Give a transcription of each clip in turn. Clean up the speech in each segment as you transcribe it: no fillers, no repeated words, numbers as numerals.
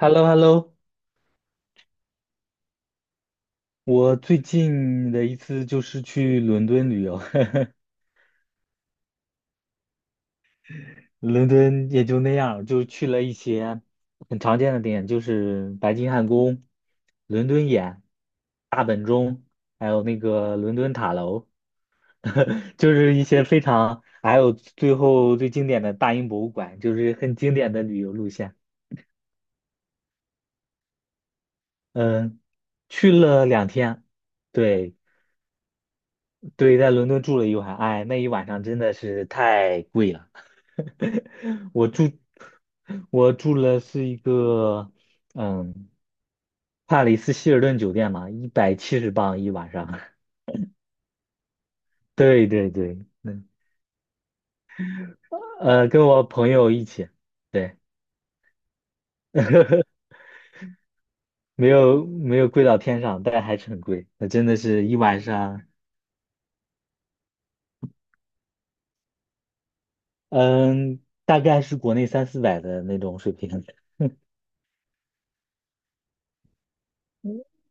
h e l l o h e l l o 我最近的一次就是去伦敦旅游，伦敦也就那样，就去了一些很常见的点，就是白金汉宫、伦敦眼、大本钟，还有那个伦敦塔楼，就是一些非常，还有最后最经典的大英博物馆，就是很经典的旅游路线。嗯，去了2天，对。对，在伦敦住了一晚，哎，那一晚上真的是太贵了。我住，我住了是一个，嗯，帕里斯希尔顿酒店嘛，170镑一晚上。对对对，跟我朋友一起，对，没有没有贵到天上，但还是很贵。那真的是一晚上，嗯，大概是国内三四百的那种水平。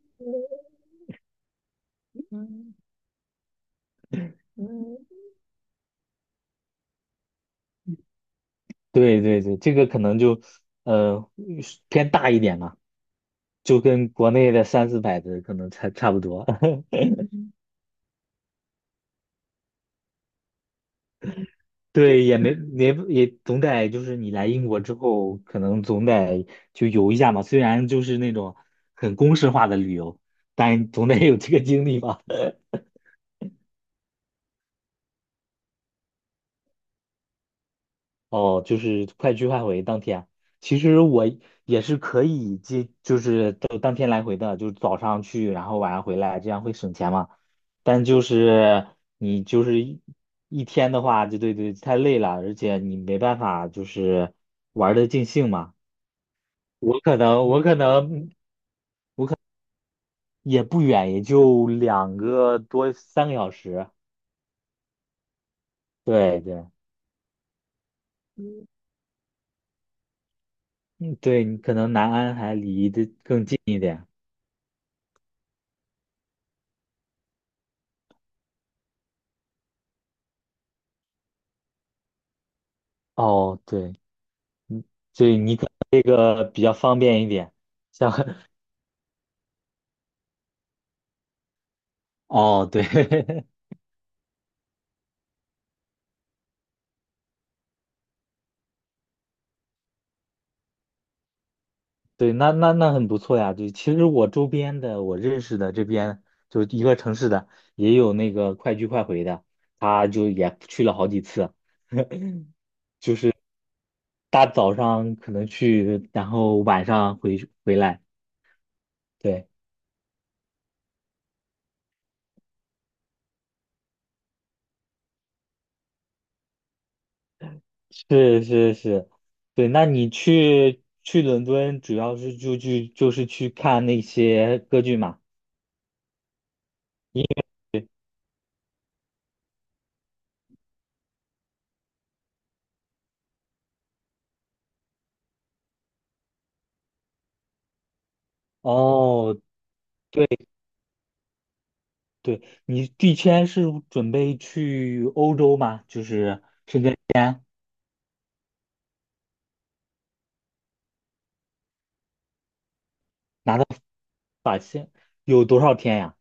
对对对，这个可能就呃偏大一点嘛，就跟国内的三四百的可能差不多。对，也没没也总得就是你来英国之后，可能总得就游一下嘛。虽然就是那种很公式化的旅游，但总得有这个经历吧。哦，就是快去快回当天。其实我也是可以接，就是当天来回的，就是早上去，然后晚上回来，这样会省钱嘛。但就是你就是一天的话，就对对，太累了，而且你没办法就是玩的尽兴嘛。我可能也不远，也就2个多3个小时。对对，嗯，对你可能南安还离得更近一点。哦，对。所以你可能这个比较方便一点，像 哦，对，对，那很不错呀。对，其实我周边的，我认识的这边就一个城市的，也有那个快去快回的，他就也去了好几次，就是大早上可能去，然后晚上回来。对，是是是，对。那你去伦敦，主要是就是去看那些歌剧嘛？哦，对。对，你第签是准备去欧洲吗？就是拿到有多少天呀？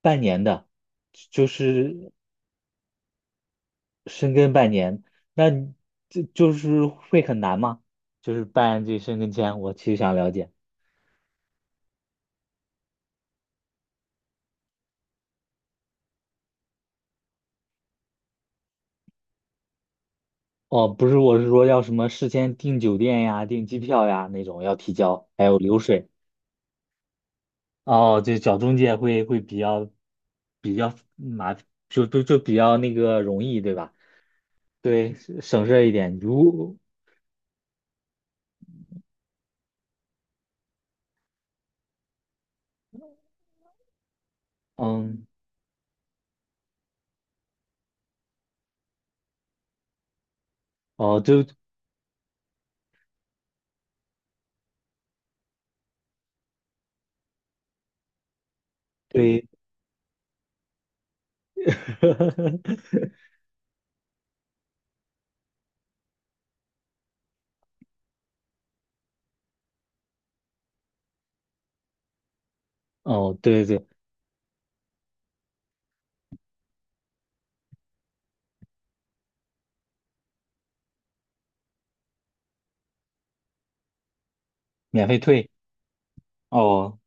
半年的，就是深根半年，那你这就是会很难吗？就是办这深根签，我其实想了解。哦，不是，我是说要什么事先订酒店呀、订机票呀那种要提交，还有流水。哦，对，找中介会比较麻，就比较那个容易，对吧？对，省事儿一点。嗯，哦，就对，哦，对对，免费退，哦，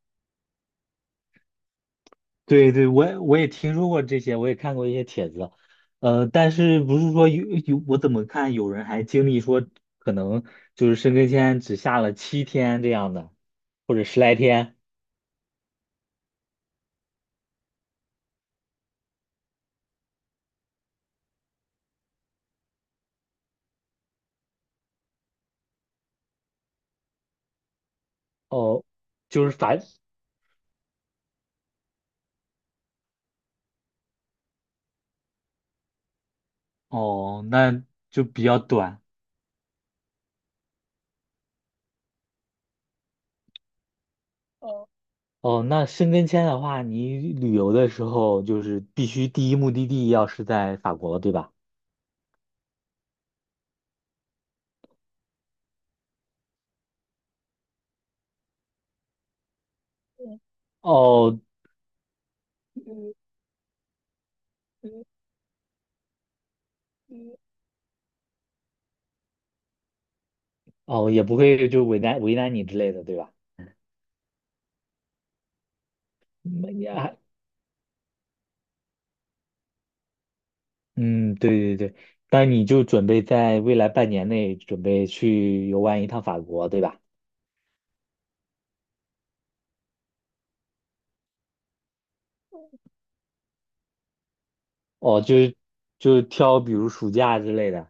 对对，我也听说过这些，我也看过一些帖子，但是不是说我怎么看有人还经历说可能就是申根签只下了7天这样的，或者十来天，哦，就是反，哦，那就比较短，哦，那申根签的话，你旅游的时候就是必须第一目的地要是在法国，对吧？哦，哦，也不会就为难为难你之类的，对吧？嗯呀嗯，对对对，但你就准备在未来半年内准备去游玩一趟法国，对吧？哦，就是就挑比如暑假之类的，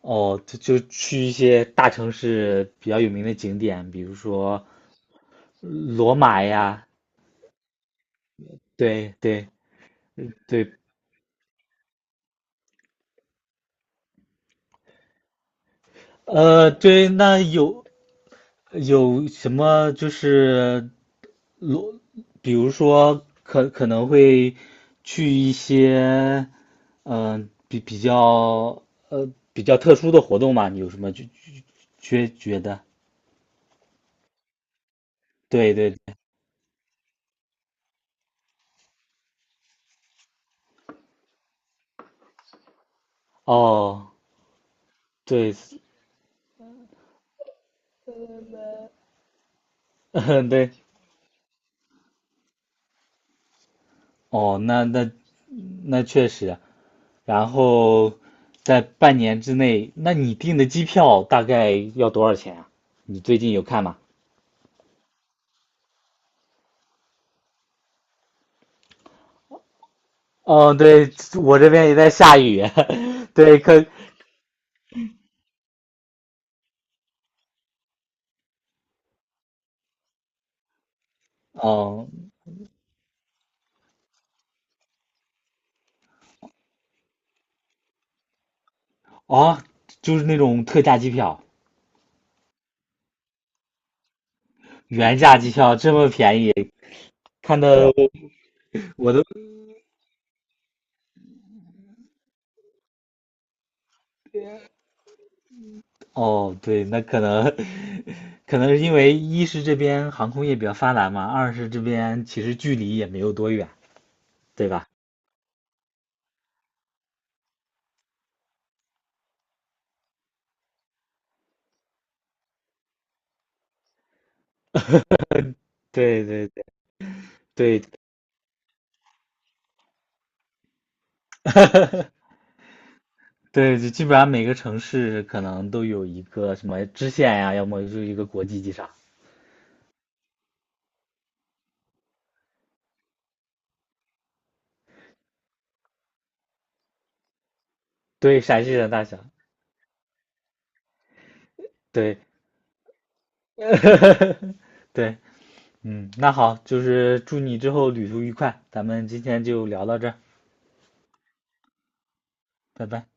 哦，就去一些大城市比较有名的景点，比如说罗马呀，对对对，对，那有什么就是罗，比如说可能会去一些，比较呃特殊的活动嘛？你有什么觉得？对对，哦，对，嗯对，哦，那确实，然后在半年之内，那你订的机票大概要多少钱啊？你最近有看吗？哦，对，我这边也在下雨，对，哦，哦，就是那种特价机票，原价机票这么便宜，看到我都，哦，对，那可能，是因为一是这边航空业比较发达嘛，二是这边其实距离也没有多远，对吧？对对对对对，就基本上每个城市可能都有一个什么支线呀、要么就是一个国际机场，对，陕西人大小，对，对。那好，就是祝你之后旅途愉快，咱们今天就聊到这儿拜拜。